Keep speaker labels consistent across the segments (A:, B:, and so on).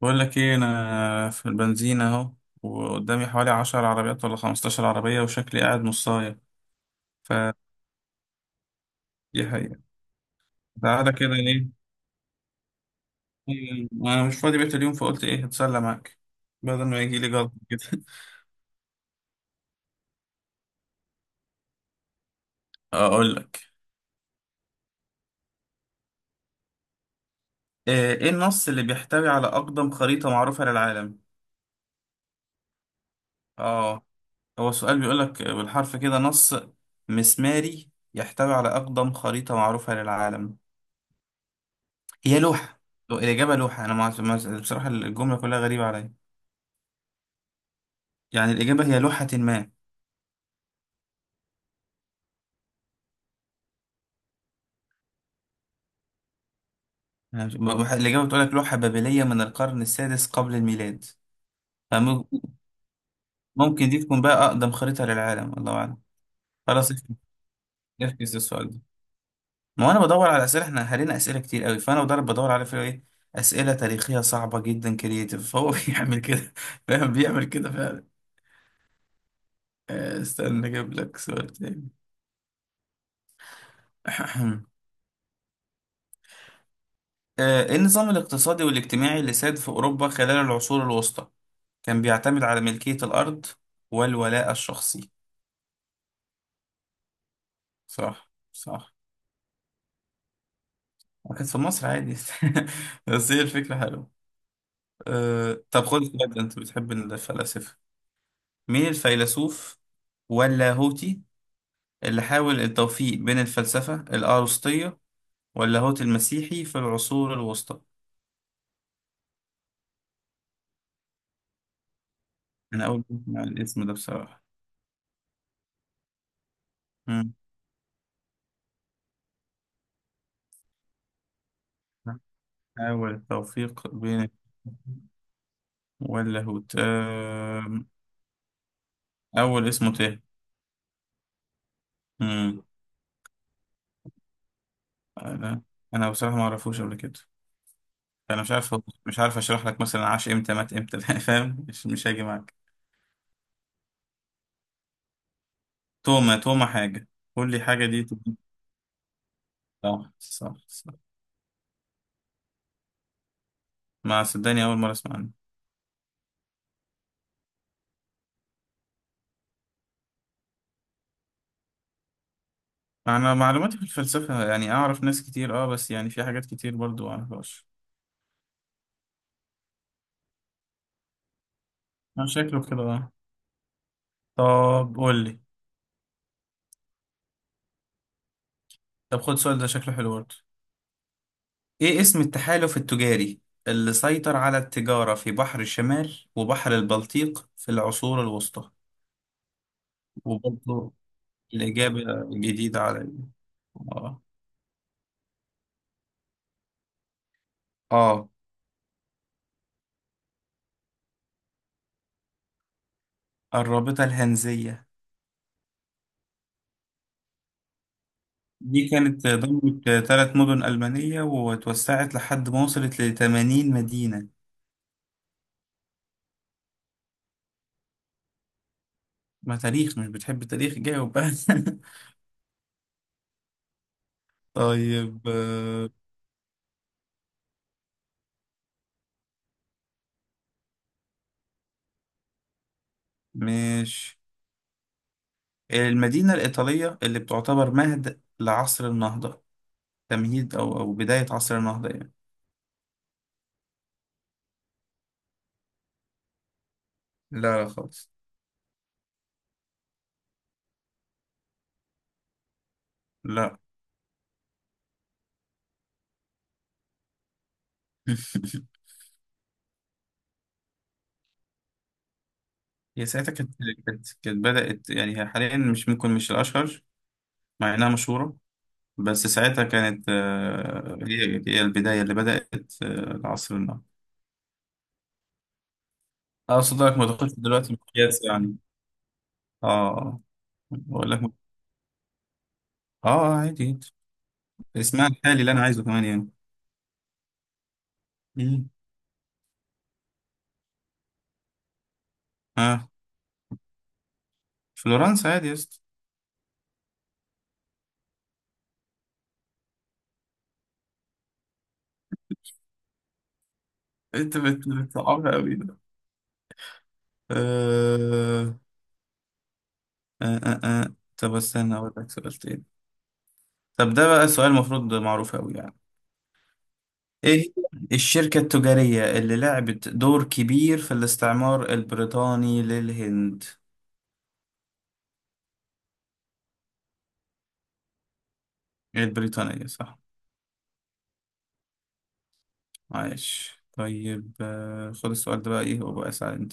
A: بقول لك ايه انا في البنزينة اهو وقدامي حوالي 10 عربيات ولا 15 عربية وشكلي قاعد نصاية فدي حقيقة. كنت قاعدة كده ليه؟ انا مش فاضي بقيت اليوم فقلت ايه هتسلى معاك بدل ما يجي لي جلطة كده. اقول لك ايه، إيه النص اللي بيحتوي على اقدم خريطة معروفة للعالم؟ اه، هو السؤال بيقول لك بالحرف كده: نص مسماري يحتوي على اقدم خريطة معروفة للعالم. هي لوحة. الإجابة لوحة. أنا ما ما- بصراحة الجملة كلها غريبة عليا. يعني الإجابة هي لوحة ما. أنا مش- ب- الإجابة بتقول لك لوحة بابلية من القرن السادس قبل الميلاد. فممكن دي تكون بقى أقدم خريطة للعالم، الله أعلم. خلاص، افكس السؤال ده. ما هو أنا بدور على أسئلة، إحنا هرينا أسئلة كتير قوي، فأنا بدور على فيه إيه أسئلة تاريخية صعبة جدا كرييتيف، فهو بيعمل كده. فاهم بيعمل كده فعلا. استنى أجيب لك سؤال تاني. إيه النظام الاقتصادي والاجتماعي اللي ساد في أوروبا خلال العصور الوسطى، كان بيعتمد على ملكية الأرض والولاء الشخصي؟ صح صح. كانت في مصر عادي. بس هي الفكرة حلوة. طب خد السؤال ده، انت بتحب الفلاسفة. مين الفيلسوف واللاهوتي اللي حاول التوفيق بين الفلسفة الأرسطية واللاهوت المسيحي في العصور الوسطى؟ أنا أول مرة أسمع الاسم ده بصراحة. مم. حاول التوفيق بين واللاهوت أول اسمه تاه. مم. أنا أنا بصراحة ما أعرفوش قبل كده. انا مش عارف اشرح لك مثلا عاش امتى مات امتى فاهم، مش هاجي معاك. توما حاجه، قول لي حاجه، دي تبقى- صح صح صح. ما صدقني اول مره اسمع عنه. انا معلوماتي في الفلسفه يعني اعرف ناس كتير، اه، بس يعني في حاجات كتير برضو ما اعرفهاش. انا شكله كده، اه. طب قول لي. طب خد سؤال ده شكله حلو برضو. ايه اسم التحالف التجاري اللي سيطر على التجاره في بحر الشمال وبحر البلطيق في العصور الوسطى؟ وبرضو الاجابه جديده علي. اه، الرابطة الهنزية. دي كانت ضمت 3 مدن ألمانية وتوسعت لحد ما وصلت ل80 مدينة. ما تاريخ، مش بتحب التاريخ؟ جاوب بقى. طيب، مش المدينة الإيطالية اللي بتعتبر مهد لعصر النهضة، تمهيد أو بداية عصر النهضة يعني؟ لا لا خالص. لا. هي ساعتها كانت، كانت بدأت، يعني هي حاليا مش ممكن مش الأشهر، مع إنها مشهورة، بس ساعتها كانت، هي البداية اللي بدأت العصر النهضة. أقصد لك ما تاخدش دلوقتي مقياس يعني. آه بقول لك م-، عادي جدا. اسمها الحالي اللي أنا عايزه كمان يعني. مم. آه فلورنسا عادي يا اسطى. أنت بتصعبها أوي ده. آه طب استنى أقول لك سؤال تاني. طب ده بقى سؤال المفروض معروف أوي يعني. إيه هي الشركة التجارية اللي لعبت دور كبير في الاستعمار البريطاني للهند؟ البريطانية صح. عايش. طيب، خد السؤال ده بقى ايه وبقى اسأل انت.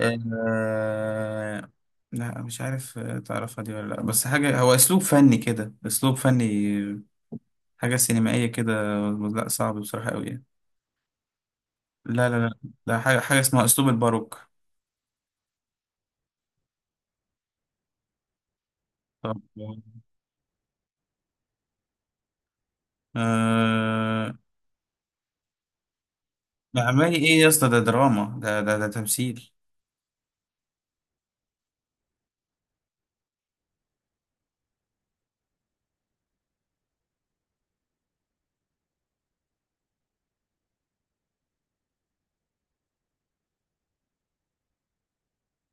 A: آه... لا مش عارف، تعرفها دي ولا لا؟ بس حاجة، هو اسلوب فني كده، اسلوب فني، حاجة سينمائية كده. لا صعب بصراحة قوي يعني. لا لا لا. لا، حاجة اسمها اسلوب الباروك. طب آه... عمالي ايه يا اسطى، ده دراما، ده ده ده تمثيل.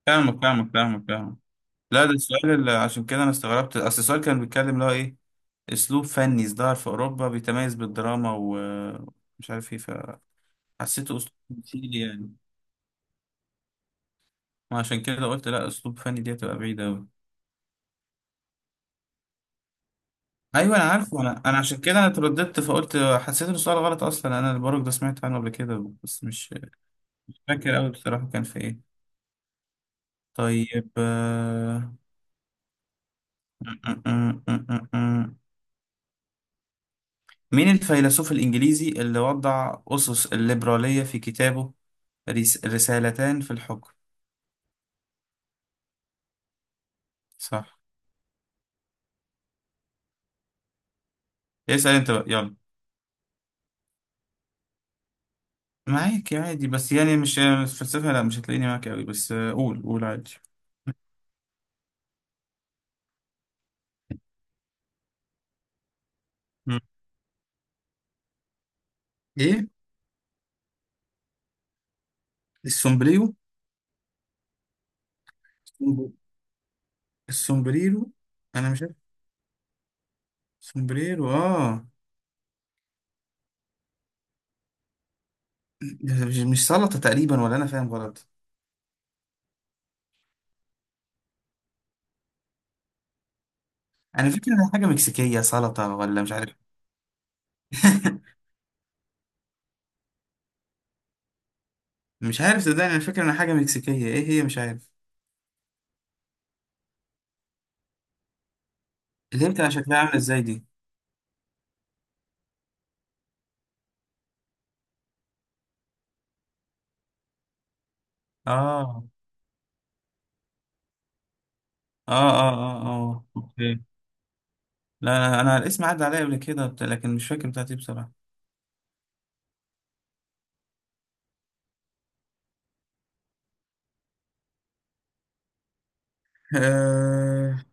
A: فاهمك فاهمك فاهمك فاهمك. لا ده السؤال اللي عشان كده انا استغربت، اصل السؤال كان بيتكلم اللي هو ايه: اسلوب فني ازدهر في اوروبا بيتميز بالدراما ومش عارف ايه، فحسيته اسلوب تمثيلي يعني. وعشان كده قلت لا، اسلوب فني دي هتبقى بعيده قوي. ايوه انا عارفه، انا عشان كده انا اترددت، فقلت حسيت ان السؤال غلط اصلا. انا البرج ده سمعت عنه قبل كده بس مش فاكر قوي بصراحه كان في ايه. طيب، م- م- م- م- م- مين الفيلسوف الانجليزي اللي وضع اسس الليبراليه في كتابه، رسالتان في الحكم؟ صح. اسال انت بقى يلا. معاك عادي بس يعني مش الفلسفة، لا مش هتلاقيني معاك قوي، بس قول عادي. مم. ايه السومبريرو السومبريرو؟ انا مش عارف. سومبريرو، ده مش سلطة تقريبا ولا انا فاهم غلط؟ انا فاكر انها حاجة مكسيكية سلطة ولا مش عارف. مش عارف صدقني، انا فاكر انها حاجة مكسيكية، ايه هي مش عارف. اللي هي بتبقى شكلها عاملة ازاي دي؟ اه اه اه اه اه اوكي. لا انا، الاسم عدى عليا قبل كده لكن مش فاكر بتاعتي بصراحة. آه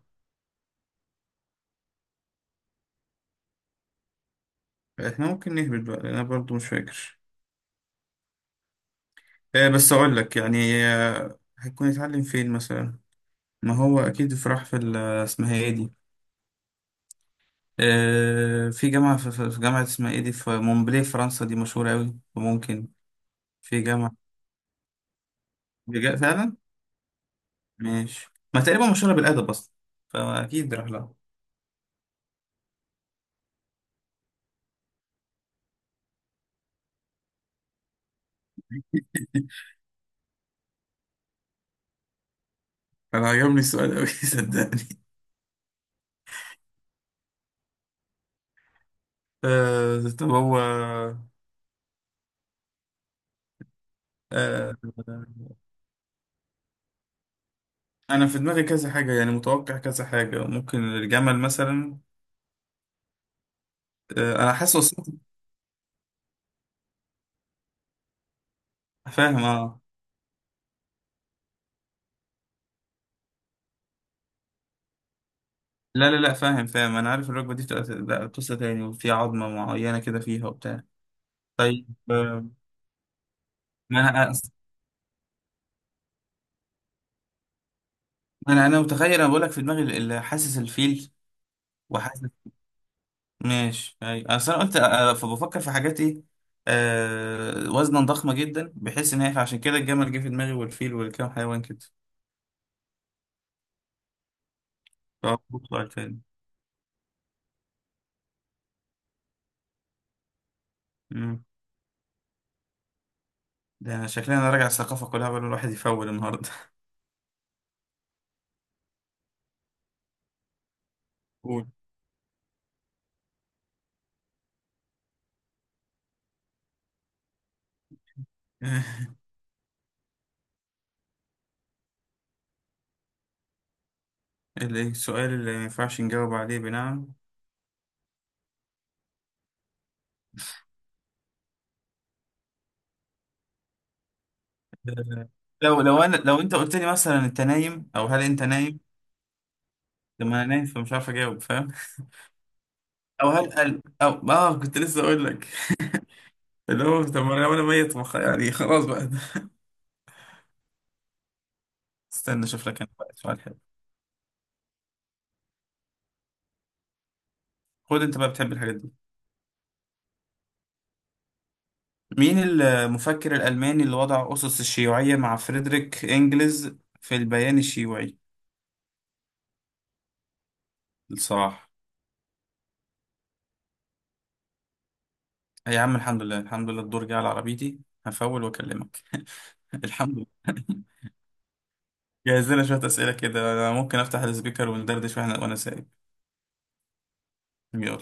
A: احنا ممكن نهبط بقى، لأن انا برضو مش فاكر. بس اقول لك يعني هيكون يتعلم فين مثلا. ما هو اكيد في راح في اسمها ايه دي، في جامعة في جامعة اسمها ايه دي، في مونبلي فرنسا، دي مشهورة اوي وممكن. في جامعة، فعلا. ماشي، ما تقريبا مشهورة بالادب اصلا، فاكيد راح لها. انا عجبني السؤال اوي صدقني. طب هو، آه انا في دماغي كذا حاجة يعني، متوقع كذا حاجة، ممكن الجمل مثلا. انا حاسس وصلت. فاهم، اه. لا لا لا، فاهم فاهم. انا عارف الركبه دي بتبقى، لا، قصه تاني وفي عظمه معينه كده فيها وبتاع. طيب، ما انا، انا متخيل، انا بقول لك في دماغي حاسس الفيل وحاسس. ماشي، اي اصل انا قلت، فبفكر في حاجات ايه، وزنا ضخمه جدا بحيث ان هي عشان كده الجمل جه في دماغي والفيل والكام حيوان كده. فهو سؤال تاني. مم. ده انا شكلي انا راجع الثقافه كلها بقى الواحد يفول النهارده. قول. الايه السؤال اللي ما ينفعش نجاوب عليه بنعم. لو انت قلت لي مثلا انت نايم او هل انت نايم، لما انا نايم فمش عارف اجاوب، فاهم؟ او هل قال او كنت لسه اقول لك اللي هو طب، ما انا وأنا ميت ما خ- يعني خلاص بقى. استنى اشوف لك انا بقى سؤال حلو. خد انت بقى بتحب الحاجات دي. مين المفكر الالماني اللي وضع اسس الشيوعيه مع فريدريك انجلز في البيان الشيوعي؟ الصراحه، يا عم الحمد لله الحمد لله، الدور جه على عربيتي، هفول واكلمك. الحمد لله. جهز لنا شوية أسئلة كده، أنا ممكن أفتح السبيكر وندردش وإحنا وأنا سايق. يلا.